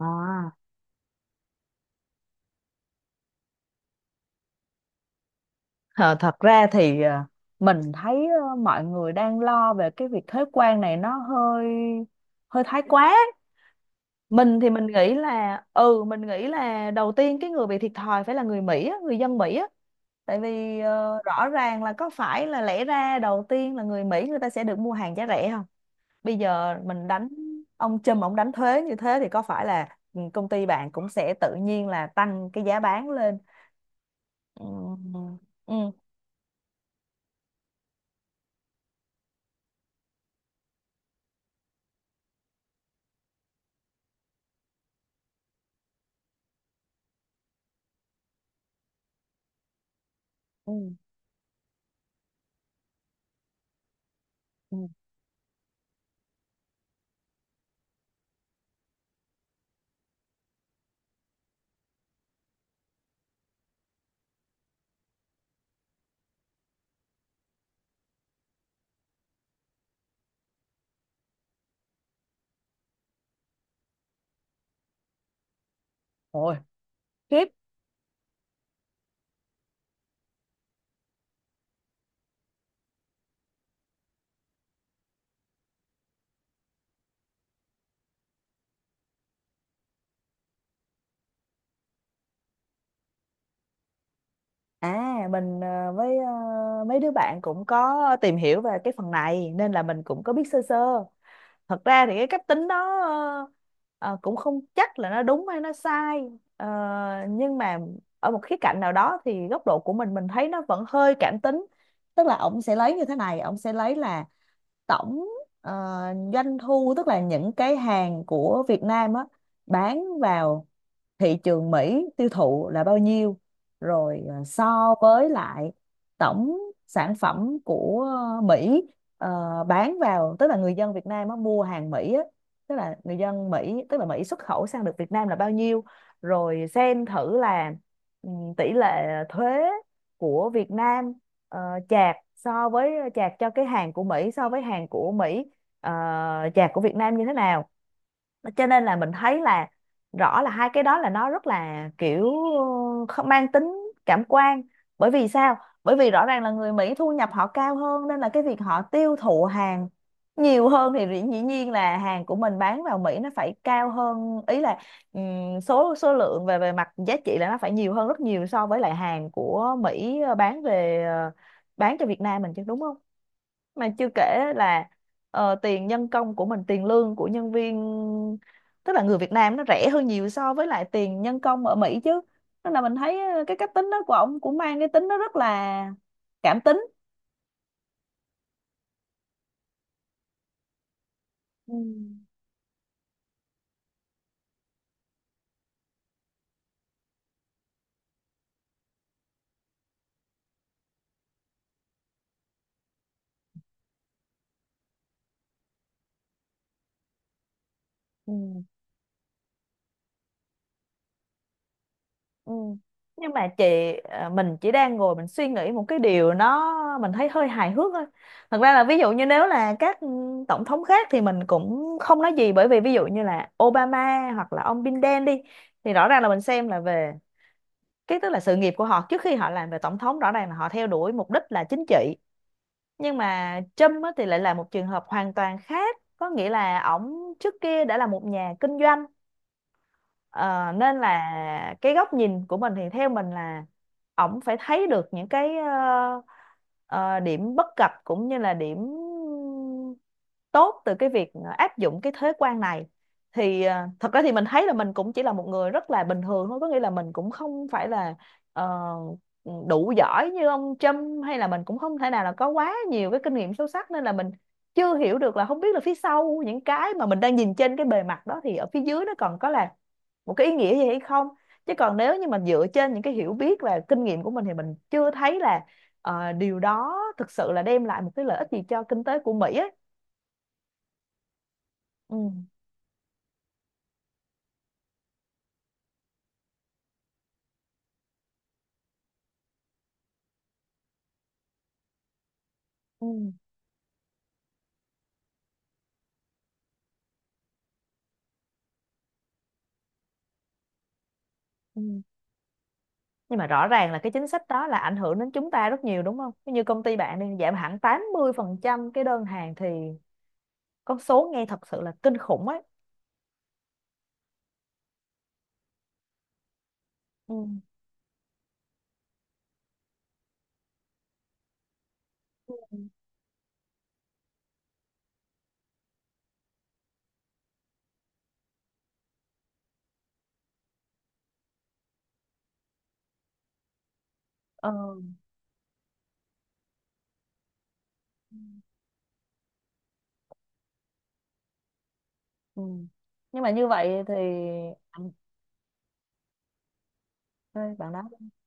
À, ờ, thật ra thì mình thấy mọi người đang lo về cái việc thuế quan này nó hơi hơi thái quá. Mình thì mình nghĩ là đầu tiên cái người bị thiệt thòi phải là người Mỹ á, người dân Mỹ á. Tại vì rõ ràng là có phải là lẽ ra đầu tiên là người Mỹ người ta sẽ được mua hàng giá rẻ không? Bây giờ mình đánh ông Trump ông đánh thuế như thế thì có phải là công ty bạn cũng sẽ tự nhiên là tăng cái giá bán lên. Ừ. Ừ. Ừ. Ừ. Ôi, khiếp. À, mình với mấy đứa bạn cũng có tìm hiểu về cái phần này nên là mình cũng có biết sơ sơ. Thật ra thì cái cách tính đó ờ, cũng không chắc là nó đúng hay nó sai. Ờ, nhưng mà ở một khía cạnh nào đó thì góc độ của mình thấy nó vẫn hơi cảm tính, tức là ông sẽ lấy như thế này, ông sẽ lấy là tổng ờ, doanh thu, tức là những cái hàng của Việt Nam á, bán vào thị trường Mỹ tiêu thụ là bao nhiêu, rồi so với lại tổng sản phẩm của Mỹ ờ, bán vào, tức là người dân Việt Nam á, mua hàng Mỹ á, tức là người dân Mỹ, tức là Mỹ xuất khẩu sang được Việt Nam là bao nhiêu, rồi xem thử là ừ, tỷ lệ thuế của Việt Nam ờ, chạc so với chạc cho cái hàng của Mỹ, so với hàng của Mỹ ờ, chạc của Việt Nam như thế nào. Cho nên là mình thấy là rõ là hai cái đó là nó rất là kiểu không mang tính cảm quan. Bởi vì sao? Bởi vì rõ ràng là người Mỹ thu nhập họ cao hơn nên là cái việc họ tiêu thụ hàng nhiều hơn thì dĩ dĩ nhiên là hàng của mình bán vào Mỹ nó phải cao hơn, ý là số số lượng về về mặt giá trị là nó phải nhiều hơn rất nhiều so với lại hàng của Mỹ bán cho Việt Nam mình chứ, đúng không? Mà chưa kể là tiền nhân công của mình, tiền lương của nhân viên, tức là người Việt Nam nó rẻ hơn nhiều so với lại tiền nhân công ở Mỹ chứ, nên là mình thấy cái cách tính đó của ông cũng mang cái tính nó rất là cảm tính. Ừ. Ừ, ừ. Nhưng mà chị, mình chỉ đang ngồi mình suy nghĩ một cái điều nó mình thấy hơi hài hước thôi. Thật ra là ví dụ như nếu là các tổng thống khác thì mình cũng không nói gì, bởi vì ví dụ như là Obama hoặc là ông Biden đi, thì rõ ràng là mình xem là về cái, tức là sự nghiệp của họ trước khi họ làm về tổng thống, rõ ràng là họ theo đuổi mục đích là chính trị, nhưng mà Trump thì lại là một trường hợp hoàn toàn khác, có nghĩa là ổng trước kia đã là một nhà kinh doanh. Ờ, nên là cái góc nhìn của mình thì theo mình là ổng phải thấy được những cái ờ, điểm bất cập cũng như là điểm tốt từ cái việc áp dụng cái thuế quan này. Thì thật ra thì mình thấy là mình cũng chỉ là một người rất là bình thường thôi, có nghĩa là mình cũng không phải là ờ, đủ giỏi như ông Trump, hay là mình cũng không thể nào là có quá nhiều cái kinh nghiệm sâu sắc, nên là mình chưa hiểu được là không biết là phía sau những cái mà mình đang nhìn trên cái bề mặt đó thì ở phía dưới nó còn có là một cái ý nghĩa gì hay không. Chứ còn nếu như mình dựa trên những cái hiểu biết và kinh nghiệm của mình thì mình chưa thấy là điều đó thực sự là đem lại một cái lợi ích gì cho kinh tế của Mỹ ấy. Ừ, ừ, ừ. Nhưng mà rõ ràng là cái chính sách đó là ảnh hưởng đến chúng ta rất nhiều, đúng không? Như công ty bạn đi, giảm hẳn 80% cái đơn hàng thì con số nghe thật sự là kinh khủng ấy. Ừ. Ừ. Ờ. Ừ. Nhưng mà như vậy thì, ừ, bạn nói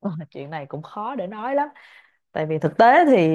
Ờ, chuyện này cũng khó để nói lắm, tại vì thực tế thì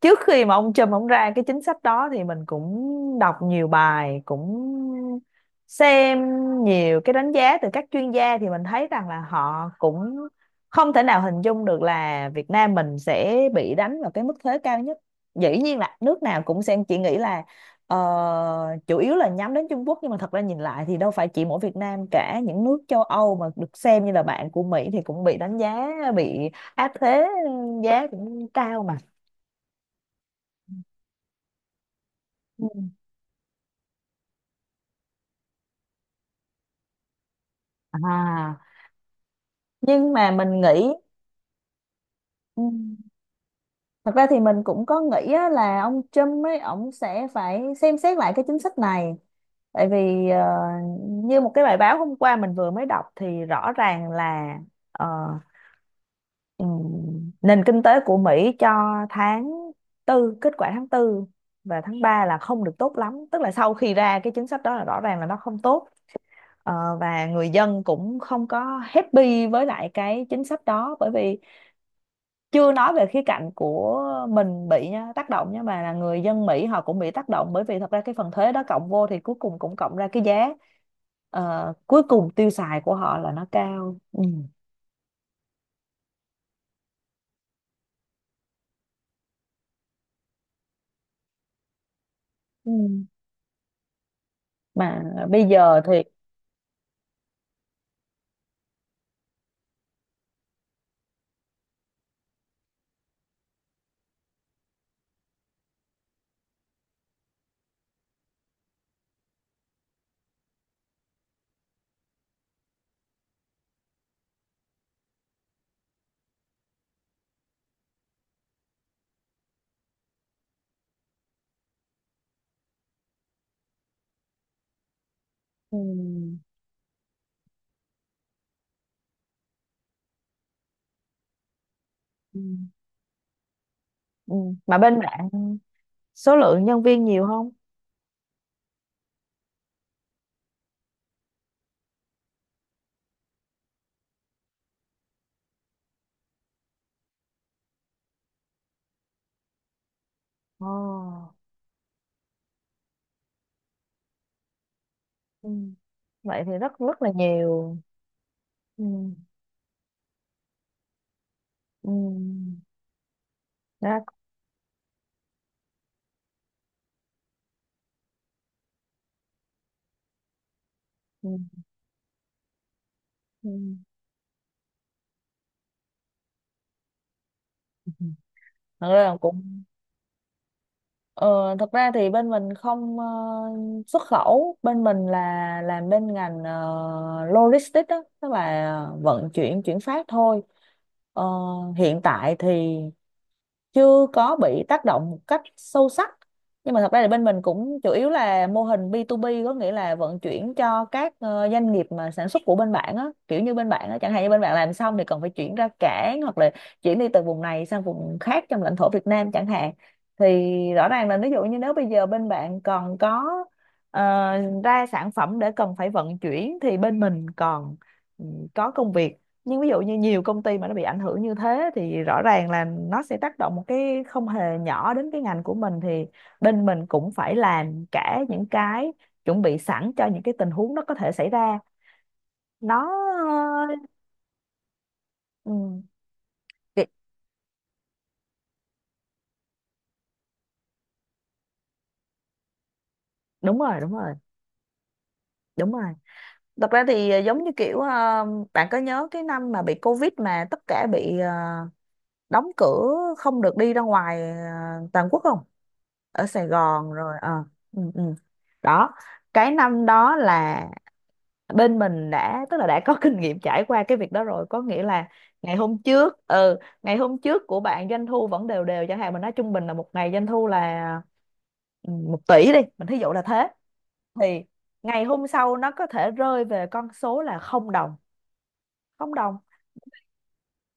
trước khi mà ông Trump ông ra cái chính sách đó thì mình cũng đọc nhiều bài, cũng xem nhiều cái đánh giá từ các chuyên gia, thì mình thấy rằng là họ cũng không thể nào hình dung được là Việt Nam mình sẽ bị đánh vào cái mức thuế cao nhất. Dĩ nhiên là nước nào cũng sẽ chỉ nghĩ là ờ, chủ yếu là nhắm đến Trung Quốc, nhưng mà thật ra nhìn lại thì đâu phải chỉ mỗi Việt Nam, cả những nước châu Âu mà được xem như là bạn của Mỹ thì cũng bị đánh giá, bị áp thế giá cũng cao mà. Ừ. À, nhưng mà mình nghĩ ừ, thật ra thì mình cũng có nghĩ á, là ông Trump ấy ông sẽ phải xem xét lại cái chính sách này. Tại vì như một cái bài báo hôm qua mình vừa mới đọc thì rõ ràng là ờ, ừm, nền kinh tế của Mỹ cho tháng tư kết quả tháng tư và tháng 3 là không được tốt lắm, tức là sau khi ra cái chính sách đó là rõ ràng là nó không tốt. Ờ, và người dân cũng không có happy với lại cái chính sách đó, bởi vì chưa nói về khía cạnh của mình bị nhá, tác động, nhưng mà là người dân Mỹ họ cũng bị tác động, bởi vì thật ra cái phần thuế đó cộng vô thì cuối cùng cũng cộng ra cái giá cuối cùng tiêu xài của họ là nó cao. Ừ. Ừ. Mà bây giờ thì ừ. Ừ. Ừ. Mà bên bạn số lượng nhân viên nhiều không? Ồ. Ừ. Vậy thì rất rất là nhiều. Ừ. Ừ. Đó. Ừ. Ừ. Thật ra là cũng ờ, thật ra thì bên mình không xuất khẩu, bên mình là làm bên ngành logistics đó, tức là vận chuyển, chuyển phát thôi. Ờ, hiện tại thì chưa có bị tác động một cách sâu sắc, nhưng mà thật ra là bên mình cũng chủ yếu là mô hình B2B, có nghĩa là vận chuyển cho các doanh nghiệp mà sản xuất của bên bạn á, kiểu như bên bạn á chẳng hạn, như bên bạn làm xong thì còn phải chuyển ra cảng hoặc là chuyển đi từ vùng này sang vùng khác trong lãnh thổ Việt Nam chẳng hạn, thì rõ ràng là ví dụ như nếu bây giờ bên bạn còn có ờ, ra sản phẩm để cần phải vận chuyển thì bên mình còn ừ, có công việc. Nhưng ví dụ như nhiều công ty mà nó bị ảnh hưởng như thế thì rõ ràng là nó sẽ tác động một cái không hề nhỏ đến cái ngành của mình, thì bên mình cũng phải làm cả những cái chuẩn bị sẵn cho những cái tình huống nó có thể xảy ra. Nó ừ, cái- đúng rồi, đúng rồi, đúng rồi. Thật ra thì giống như kiểu bạn có nhớ cái năm mà bị Covid mà tất cả bị đóng cửa, không được đi ra ngoài, à, toàn quốc không, ở Sài Gòn rồi ừ, ừ. Đó, cái năm đó là bên mình đã, tức là đã có kinh nghiệm trải qua cái việc đó rồi, có nghĩa là ngày hôm trước, ngày hôm trước của bạn doanh thu vẫn đều đều chẳng hạn, mình nói trung bình là một ngày doanh thu là 1 tỷ đi, mình thí dụ là thế, thì ngày hôm sau nó có thể rơi về con số là không đồng, không đồng,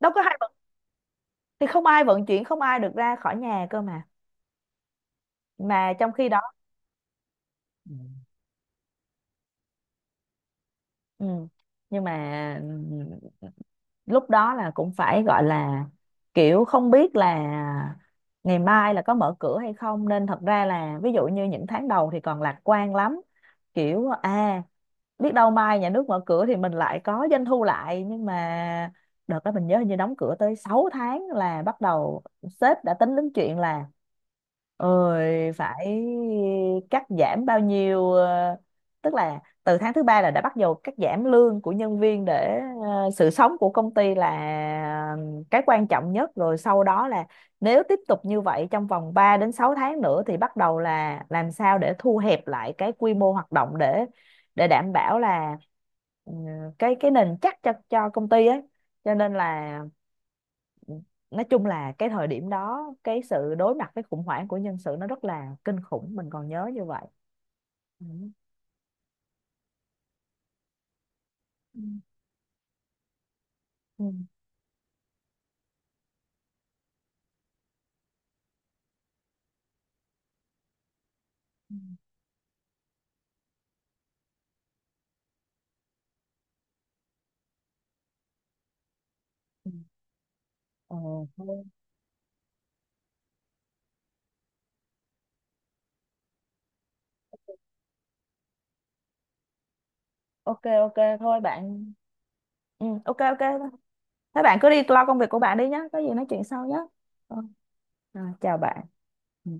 đâu có hai vận, thì không ai vận chuyển, không ai được ra khỏi nhà cơ mà trong khi đó. Ừ. Ừ. Nhưng mà ừ, lúc đó là cũng phải gọi là kiểu không biết là ngày mai là có mở cửa hay không, nên thật ra là ví dụ như những tháng đầu thì còn lạc quan lắm, kiểu à, biết đâu mai nhà nước mở cửa thì mình lại có doanh thu lại, nhưng mà đợt đó mình nhớ hình như đóng cửa tới 6 tháng là bắt đầu sếp đã tính đến chuyện là, ơi phải cắt giảm bao nhiêu tức là từ tháng thứ ba là đã bắt đầu cắt giảm lương của nhân viên, để sự sống của công ty là ờ, cái quan trọng nhất, rồi sau đó là nếu tiếp tục như vậy trong vòng 3 đến 6 tháng nữa thì bắt đầu là làm sao để thu hẹp lại cái quy mô hoạt động, để đảm bảo là ừ, cái nền chắc cho công ty ấy, cho nên là nói chung là cái thời điểm đó cái sự đối mặt với khủng hoảng của nhân sự nó rất là kinh khủng, mình còn nhớ như vậy. Ừ. Ừ. Ừ. Ừ, ừ. Ờ, thôi. Ok, ok, thôi bạn. Ừ, ok, ok thôi. Thế bạn cứ đi lo công việc của bạn đi nhé, có gì nói chuyện sau nhé. Ừ, rồi, chào bạn. Ừ.